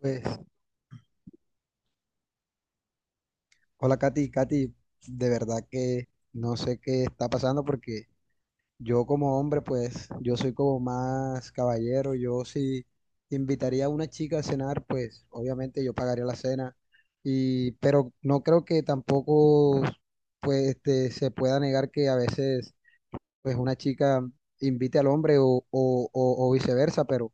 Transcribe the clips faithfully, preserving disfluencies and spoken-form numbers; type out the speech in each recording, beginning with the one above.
Pues, hola Katy, Katy, de verdad que no sé qué está pasando porque yo como hombre, pues yo soy como más caballero, yo si invitaría a una chica a cenar, pues obviamente yo pagaría la cena, y, pero no creo que tampoco pues este, se pueda negar que a veces pues una chica invite al hombre o, o, o- o viceversa, pero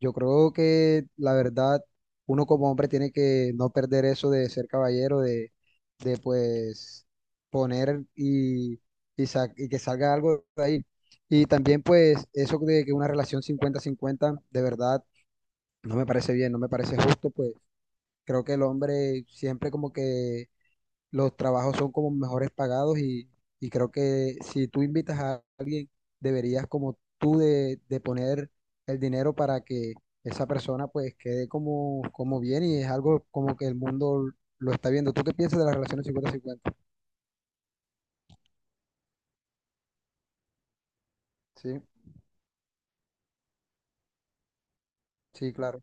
yo creo que la verdad uno como hombre tiene que no perder eso de ser caballero, de, de pues poner y, y, sa- y que salga algo de ahí. Y también pues eso de que una relación cincuenta cincuenta de verdad no me parece bien, no me parece justo, pues creo que el hombre siempre como que los trabajos son como mejores pagados y, y creo que si tú invitas a alguien, deberías como tú de, de poner el dinero para que esa persona pues quede como, como bien y es algo como que el mundo lo está viendo. ¿Tú qué piensas de las relaciones cincuenta cincuenta? Sí, sí, claro,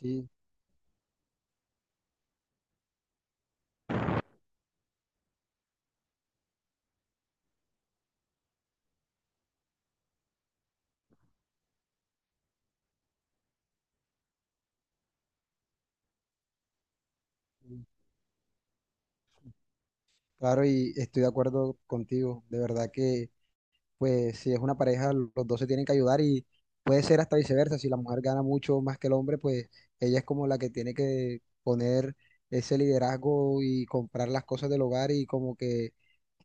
sí, sí, claro, y estoy de acuerdo contigo. De verdad que pues si es una pareja, los dos se tienen que ayudar y puede ser hasta viceversa, si la mujer gana mucho más que el hombre, pues ella es como la que tiene que poner ese liderazgo y comprar las cosas del hogar y como que,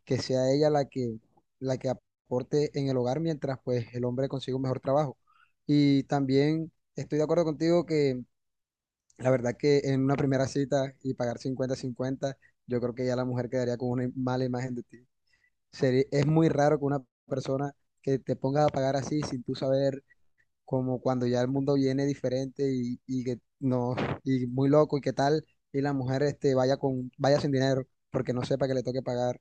que sea ella la que, la que aporte en el hogar mientras pues el hombre consigue un mejor trabajo. Y también estoy de acuerdo contigo que la verdad que en una primera cita y pagar cincuenta cincuenta yo creo que ya la mujer quedaría con una im- mala imagen de ti. Seri- es muy raro que una persona que te ponga a pagar así sin tú saber, como cuando ya el mundo viene diferente y, y que no, y muy loco y qué tal, y la mujer este, vaya con, vaya sin dinero porque no sepa que le toque pagar.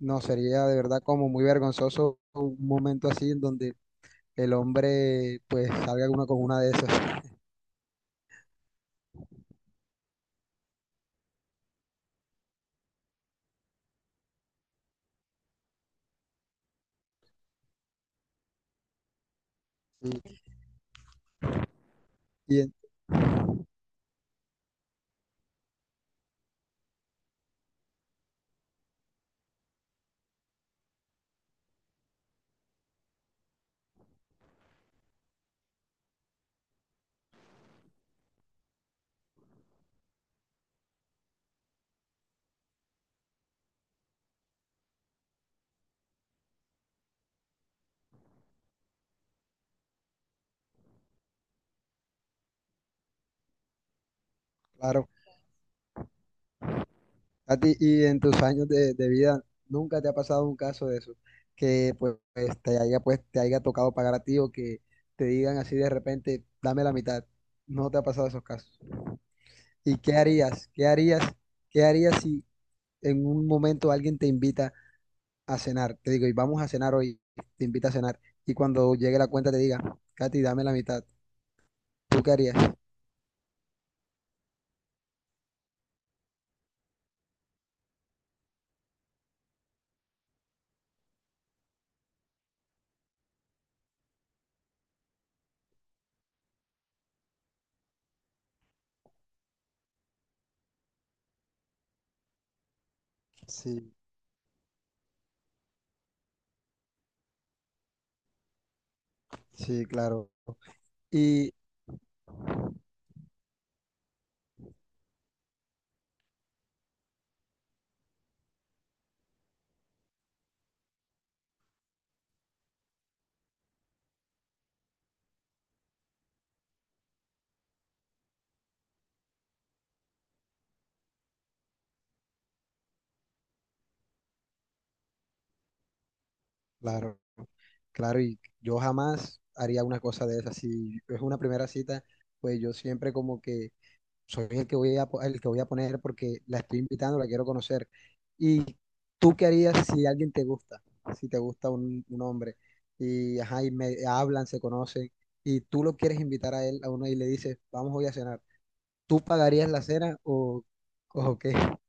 No, sería de verdad como muy vergonzoso un momento así en donde el hombre pues salga una con una de esas. Y, y, claro. A ti, y en tus años de, de vida, ¿nunca te ha pasado un caso de eso? Que pues, pues, te haya, pues te haya tocado pagar a ti o que te digan así de repente, dame la mitad. No te ha pasado esos casos. ¿Y qué harías? ¿Qué harías? ¿Qué harías si en un momento alguien te invita a cenar? Te digo, y vamos a cenar hoy, te invita a cenar. Y cuando llegue la cuenta te diga, Katy, dame la mitad. ¿Tú qué harías? Sí, sí, claro, y claro. Claro, y yo jamás haría una cosa de esas. Si es una primera cita, pues yo siempre como que soy el que voy a, po- el que voy a poner porque la estoy invitando, la quiero conocer. ¿Y tú qué harías si alguien te gusta? Si te gusta un, un hombre y, ajá, y me hablan, se conocen y tú lo quieres invitar a él, a uno y le dices, vamos hoy a cenar. ¿Tú pagarías la cena o, o qué?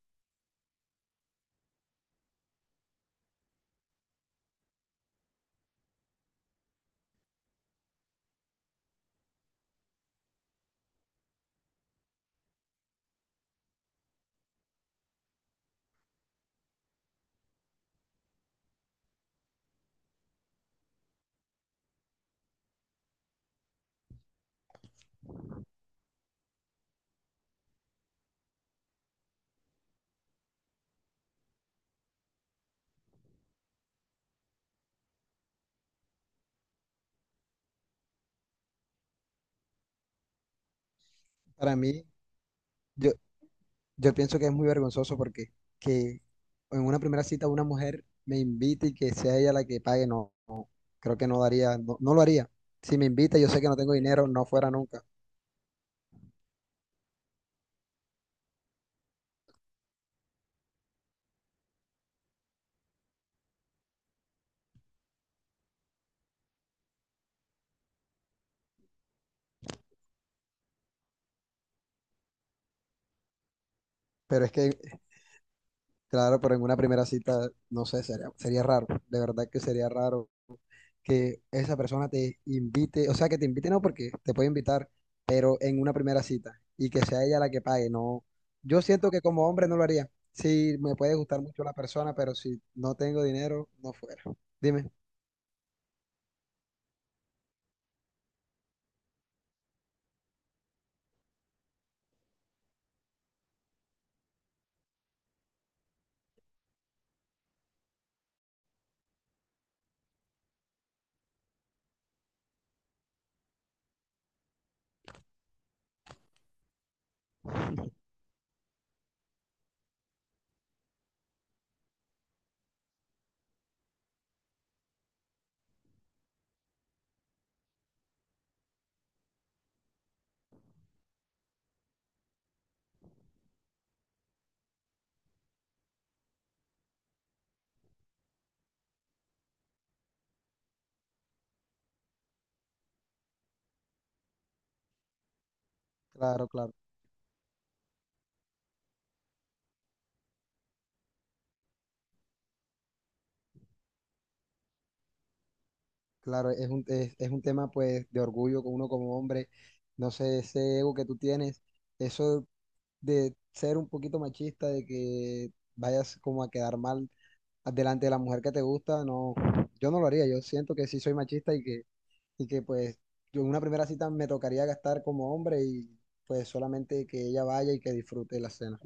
Para mí, yo, Yo pienso que es muy vergonzoso porque que en una primera cita una mujer me invite y que sea ella la que pague, no, no, creo que no daría, no, no lo haría. Si me invita, yo sé que no tengo dinero, no fuera nunca. Pero es que Claro, pero en una primera cita, no sé, sería, sería raro, de verdad que sería raro que esa persona te invite, o sea, que te invite no porque te puede invitar, pero en una primera cita y que sea ella la que pague, no. Yo siento que como hombre no lo haría. Sí, me puede gustar mucho la persona, pero si no tengo dinero, no fuera. Dime. Claro, claro, claro, es un, es, es un tema pues de orgullo con uno como hombre, no sé, ese ego que tú tienes, eso de ser un poquito machista, de que vayas como a quedar mal delante de la mujer que te gusta, no, yo no lo haría, yo siento que sí soy machista y que, y que pues yo en una primera cita me tocaría gastar como hombre y pues solamente que ella vaya y que disfrute la cena.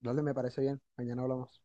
Dale, me parece bien, mañana hablamos.